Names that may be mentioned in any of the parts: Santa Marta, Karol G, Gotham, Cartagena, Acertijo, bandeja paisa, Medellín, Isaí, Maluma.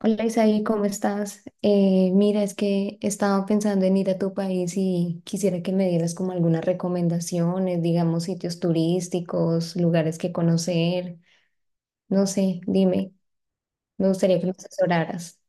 Hola Isaí, ¿cómo estás? Mira, es que estaba pensando en ir a tu país y quisiera que me dieras como algunas recomendaciones, digamos, sitios turísticos, lugares que conocer, no sé, dime, me gustaría que me asesoraras.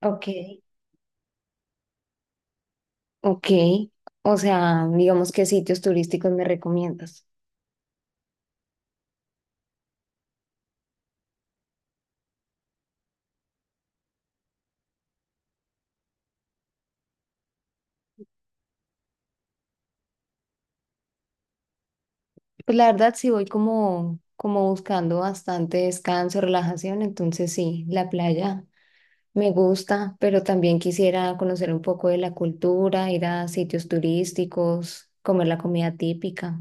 Ok, ok, o sea, digamos, ¿qué sitios turísticos me recomiendas? Pues la verdad sí voy como buscando bastante descanso, relajación, entonces sí, la playa me gusta, pero también quisiera conocer un poco de la cultura, ir a sitios turísticos, comer la comida típica.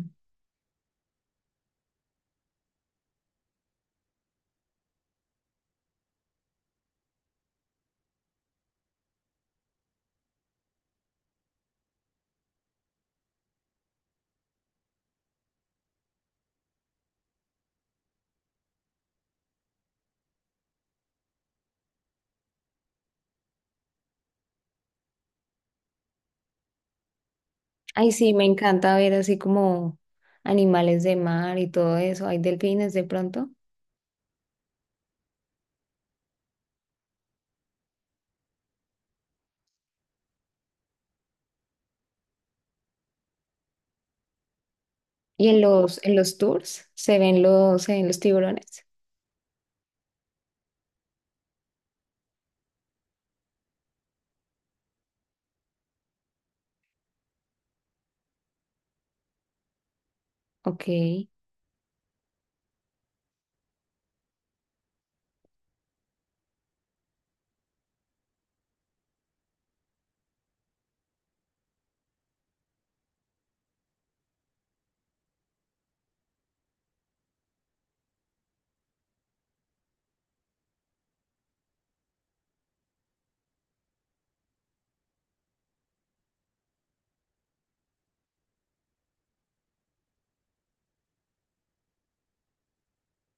Ay, sí, me encanta ver así como animales de mar y todo eso. Hay delfines de pronto. Y en los tours se ven los tiburones. Ok,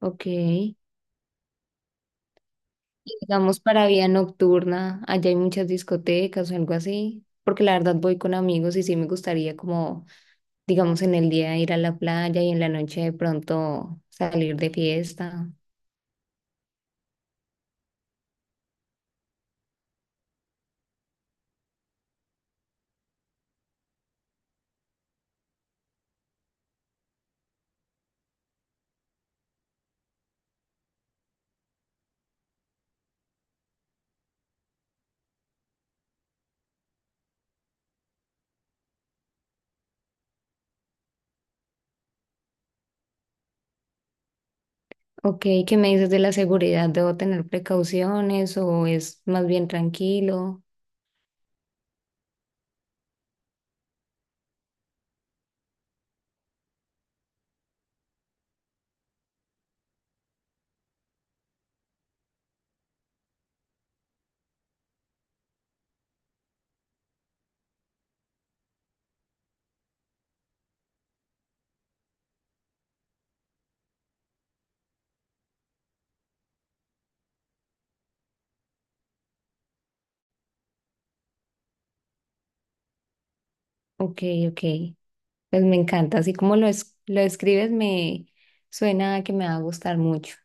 ok. Y digamos para vida nocturna, allá hay muchas discotecas o algo así, porque la verdad voy con amigos y sí me gustaría como digamos, en el día ir a la playa y en la noche de pronto salir de fiesta. Ok, ¿qué me dices de la seguridad? ¿Debo tener precauciones o es más bien tranquilo? Ok, ok, pues me encanta. Así como lo escribes, me suena a que me va a gustar mucho.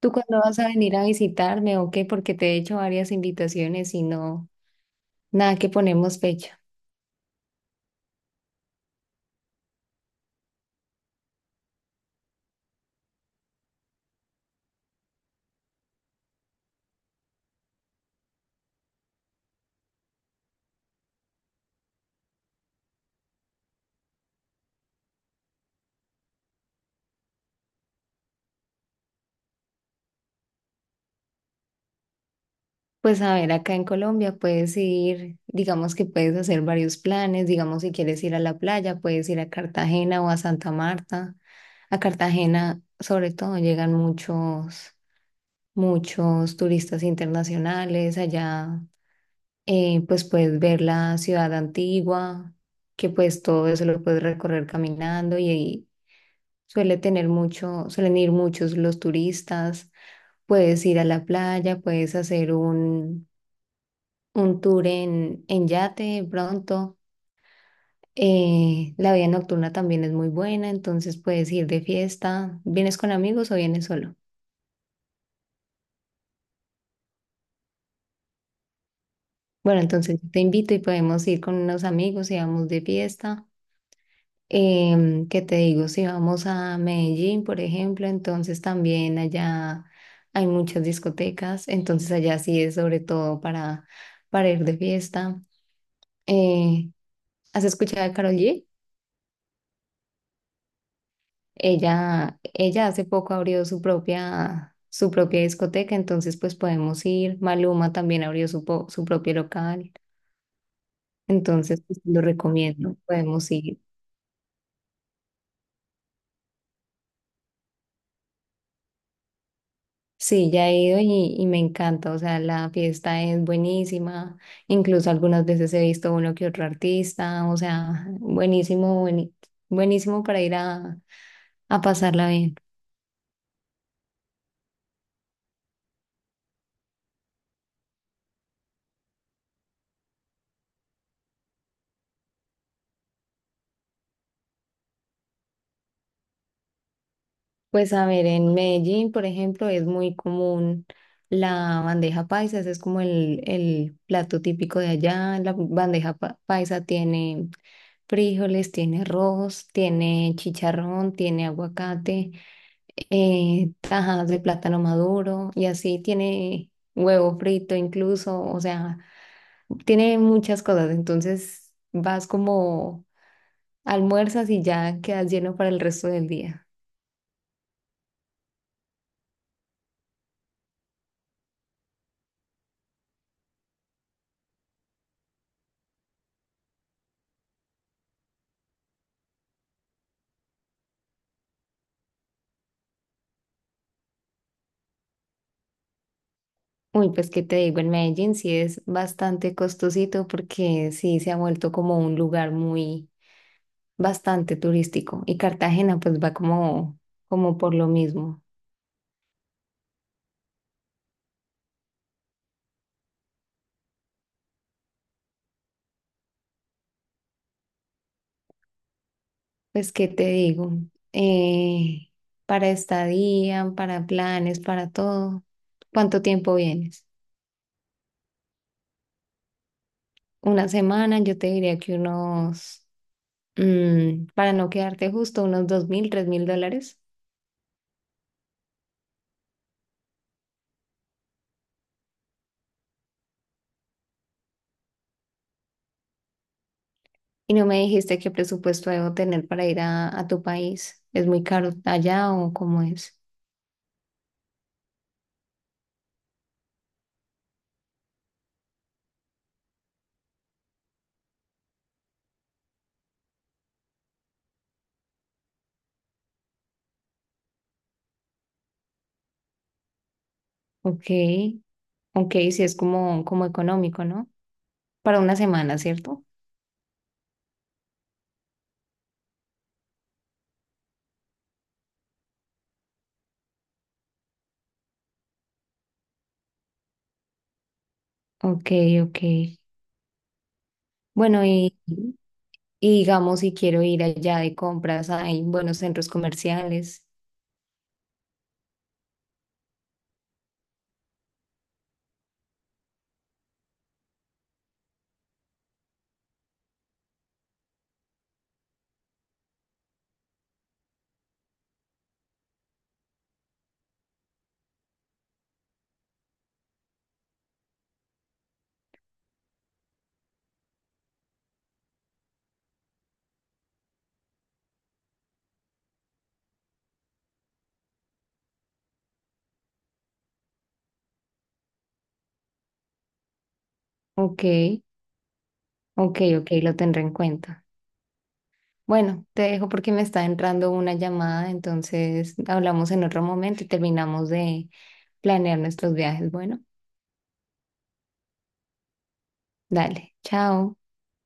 ¿Tú cuándo vas a venir a visitarme o qué? Porque te he hecho varias invitaciones y no, nada que ponemos fecha. Pues a ver, acá en Colombia puedes ir, digamos que puedes hacer varios planes, digamos si quieres ir a la playa, puedes ir a Cartagena o a Santa Marta. A Cartagena, sobre todo, llegan muchos turistas internacionales allá, pues puedes ver la ciudad antigua, que pues todo eso lo puedes recorrer caminando y, ahí suelen ir muchos los turistas. Puedes ir a la playa, puedes hacer un tour en yate pronto. La vida nocturna también es muy buena, entonces puedes ir de fiesta. ¿Vienes con amigos o vienes solo? Bueno, entonces te invito y podemos ir con unos amigos y vamos de fiesta. ¿Qué te digo? Si vamos a Medellín, por ejemplo, entonces también allá hay muchas discotecas, entonces allá sí es sobre todo para ir de fiesta. Eh, ¿Has escuchado a Karol G? Ella hace poco abrió su propia discoteca, entonces pues podemos ir. Maluma también abrió su, su propio local, entonces pues, lo recomiendo, podemos ir. Sí, ya he ido y me encanta, o sea, la fiesta es buenísima, incluso algunas veces he visto uno que otro artista, o sea, buenísimo, buenísimo para ir a pasarla bien. Pues a ver, en Medellín, por ejemplo, es muy común la bandeja paisa, ese es como el plato típico de allá. La bandeja paisa tiene frijoles, tiene arroz, tiene chicharrón, tiene aguacate, tajas de plátano maduro y así tiene huevo frito incluso, o sea, tiene muchas cosas. Entonces vas como almuerzas y ya quedas lleno para el resto del día. Uy, pues qué te digo, en Medellín sí es bastante costosito porque sí se ha vuelto como un lugar muy bastante turístico y Cartagena pues va como, como por lo mismo. Pues qué te digo, Eh, para estadía, para planes, para todo, ¿cuánto tiempo vienes? Una semana, yo te diría que unos, para no quedarte justo, unos $2.000, $3.000. Y no me dijiste qué presupuesto debo tener para ir a tu país. ¿Es muy caro allá o cómo es? Ok, ok, sí es como, como económico, ¿no? Para una semana, ¿cierto? Ok, ok. Bueno, y digamos si quiero ir allá de compras, hay buenos centros comerciales. Ok, ok, ok, lo tendré en cuenta. Bueno, te dejo porque me está entrando una llamada, entonces hablamos en otro momento y terminamos de planear nuestros viajes. Bueno, dale, chao.